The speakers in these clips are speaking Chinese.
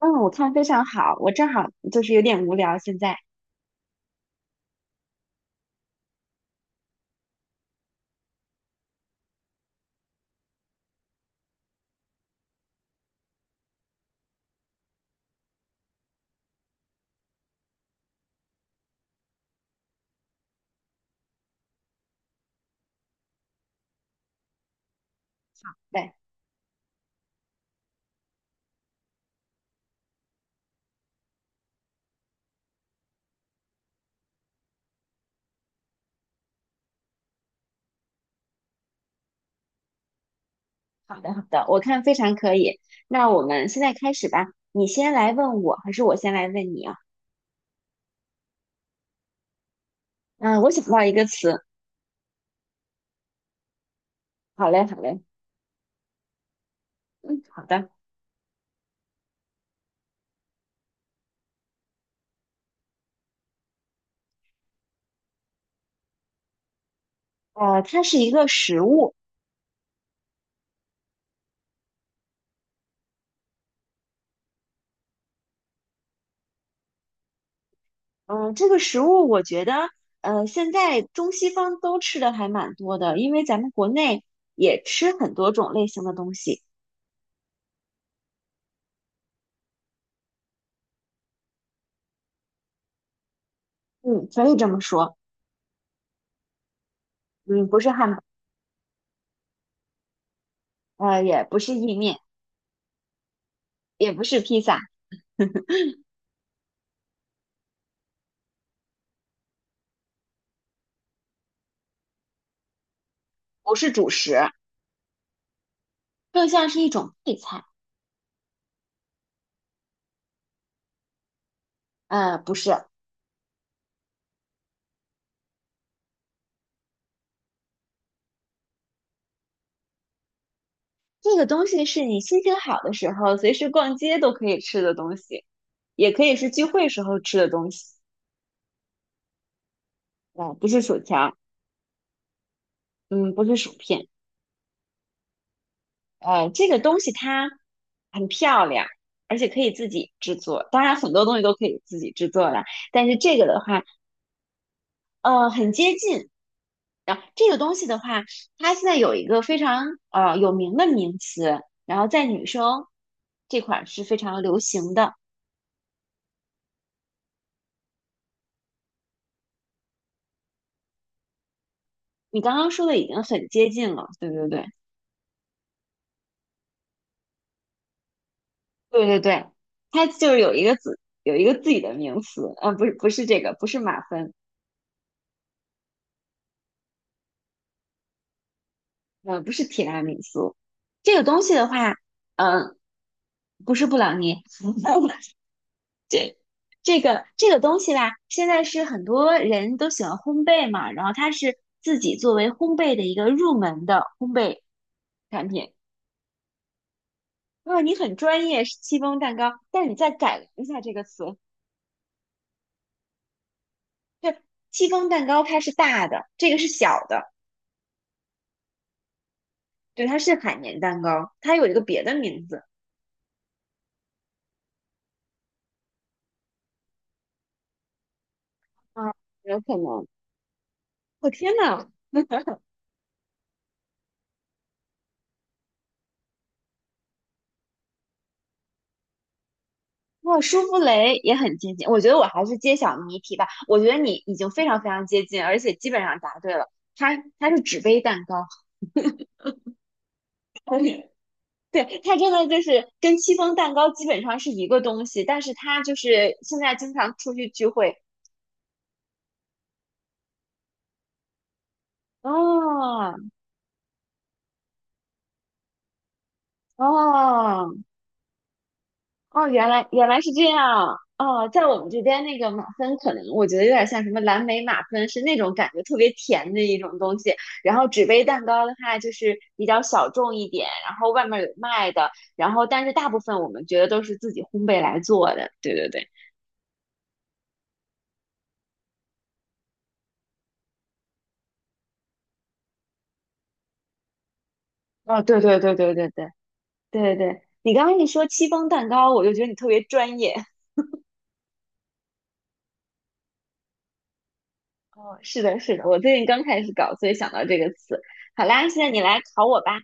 嗯，我看非常好，我正好就是有点无聊现在。好，嘞，好的，好的，我看非常可以。那我们现在开始吧，你先来问我，还是我先来问你啊？嗯，我想到一个词，好嘞，好嘞，嗯，好的。它是一个食物，嗯，这个食物我觉得，现在中西方都吃的还蛮多的，因为咱们国内也吃很多种类型的东西，嗯，可以这么说，嗯，不是汉堡，也不是意面，也不是披萨，不是主食。更像是一种配菜。呃，不是，这个东西是你心情好的时候，随时逛街都可以吃的东西，也可以是聚会时候吃的东西。啊，不是薯条，嗯，不是薯片。这个东西它很漂亮，而且可以自己制作。当然，很多东西都可以自己制作了，但是这个的话，呃，很接近。啊，这个东西的话，它现在有一个非常有名的名词，然后在女生这块儿是非常流行的。你刚刚说的已经很接近了，对对对，对对对，它就是有一个有一个自己的名词，不是这个，不是马芬，呃，不是提拉米苏，这个东西的话，嗯、不是布朗尼，这这个东西吧，现在是很多人都喜欢烘焙嘛，然后它是自己作为烘焙的一个入门的烘焙产品。如果你很专业，是戚风蛋糕，但是你再改良一下这个词，对，戚风蛋糕它是大的，这个是小的，对，它是海绵蛋糕，它有一个别的名字。啊，有可能。我天呐，哇，舒芙蕾也很接近，我觉得我还是揭晓谜题吧。我觉得你已经非常非常接近，而且基本上答对了。它是纸杯蛋糕，对，它真的就是跟戚风蛋糕基本上是一个东西，但是它就是现在经常出去聚会。哦哦，哦，原来是这样。哦，在我们这边那个马芬，可能我觉得有点像什么蓝莓马芬，是那种感觉特别甜的一种东西。然后纸杯蛋糕的话，就是比较小众一点，然后外面有卖的，然后但是大部分我们觉得都是自己烘焙来做的。对对对，哦，对对对对对对对对，你刚刚一说戚风蛋糕，我就觉得你特别专业。哦，是的，是的，我最近刚开始搞，所以想到这个词。好啦，现在你来考我吧。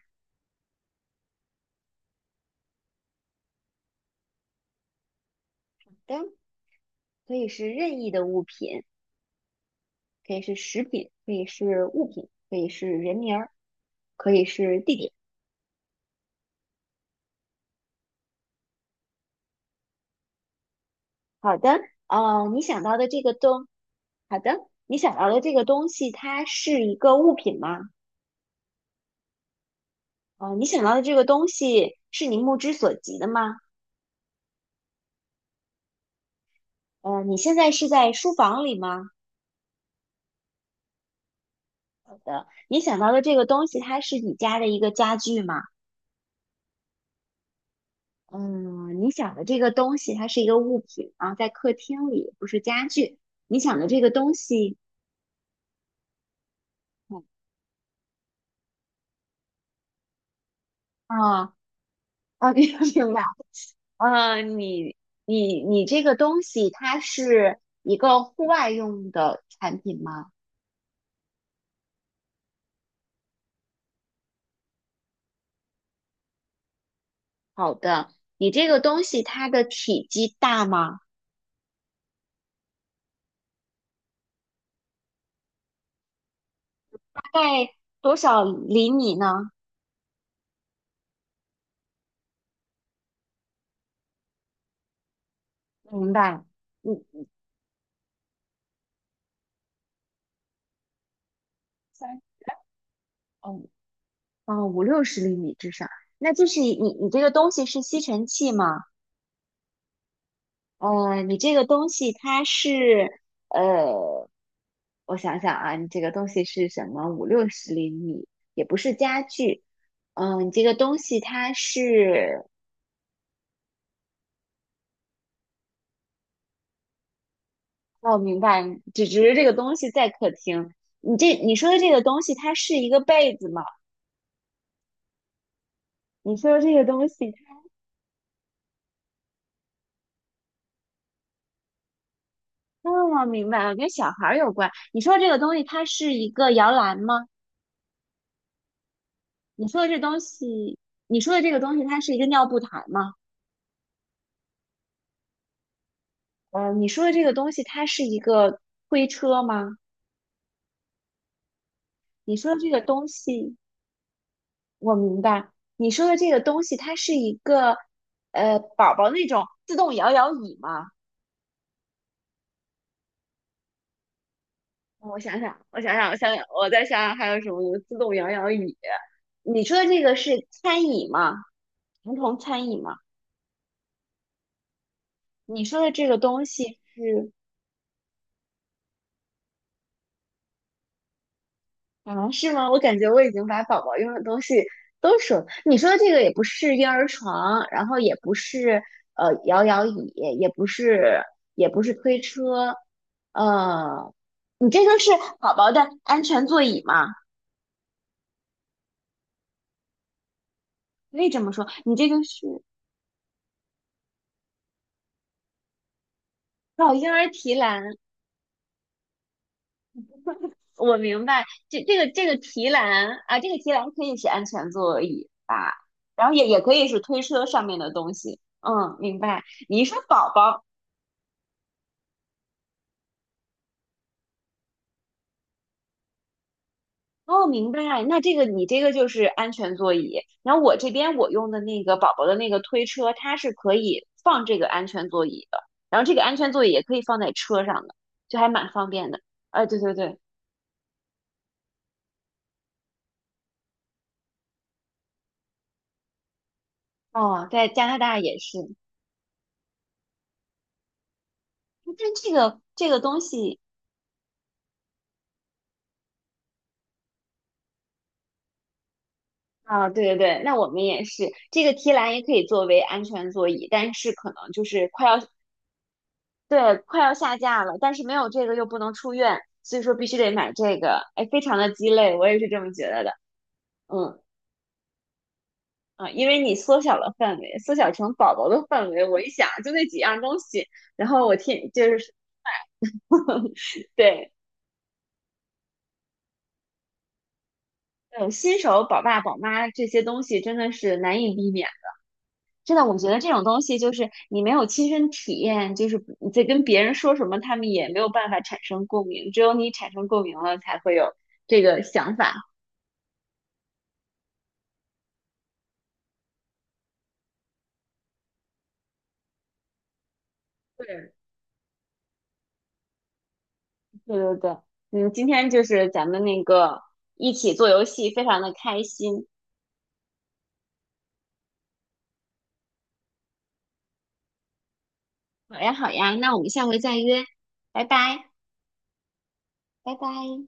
好的，可以是任意的物品。可以是食品，可以是物品，可以是人名儿，可以是地点。好的，你想到的这个东，好的，你想到的这个东西，它是一个物品吗？你想到的这个东西是你目之所及的吗？你现在是在书房里吗？你想到的这个东西，它是你家的一个家具吗？嗯，你想的这个东西，它是一个物品啊，在客厅里，不是家具。你想的这个东西，嗯啊啊，明白 明白。呃，你你这个东西，它是一个户外用的产品吗？好的，你这个东西它的体积大吗？大概多少厘米呢？明白，五三哦哦五六十厘米至少。那就是你这个东西是吸尘器吗？呃，你这个东西它是呃我想想啊，你这个东西是什么？五六十厘米，也不是家具。嗯，你这个东西它是，哦，我明白，只是这个东西在客厅。你说的这个东西，它是一个被子吗？你说的这个东西，哦，明白了，跟小孩儿有关。你说的这个东西，它是一个摇篮吗？你说的这东西，你说的这个东西，它是一个尿布台吗？嗯，你说的这个东西，它是一个推车吗？你说的这个东西。我明白你说的这个东西，它是一个宝宝那种自动摇摇椅吗？我再想想还有什么自动摇摇椅。你说的这个是餐椅吗？儿童餐椅吗？你说的这个东西是啊是吗？我感觉我已经把宝宝用的东西都说了你说的这个也不是婴儿床，然后也不是摇摇椅，也不是也不是推车，呃，你这个是宝宝的安全座椅吗？可以这么说，你这个是哦，婴儿提篮，我明白，这个提篮啊，这个提篮可以是安全座椅吧？然后也可以是推车上面的东西。嗯，明白。你一说宝宝，哦，明白。那这个你这个就是安全座椅，然后我这边我用的那个宝宝的那个推车，它是可以放这个安全座椅的，然后这个安全座椅也可以放在车上的，就还蛮方便的。哎，对对对，哦，在加拿大也是，但这个东西啊，对对对，那我们也是，这个提篮也可以作为安全座椅，但是可能就是快要对快要下架了，但是没有这个又不能出院，所以说必须得买这个，哎，非常的鸡肋，我也是这么觉得的。嗯，因为你缩小了范围，缩小成宝宝的范围，我一想就那几样东西，然后我听就是 对，嗯，新手宝爸宝妈这些东西真的是难以避免。真的，我觉得这种东西就是你没有亲身体验，就是你在跟别人说什么，他们也没有办法产生共鸣，只有你产生共鸣了，才会有这个想法。对，对对对，嗯，今天就是咱们那个一起做游戏，非常的开心。好呀，好呀，那我们下回再约，拜拜，拜拜。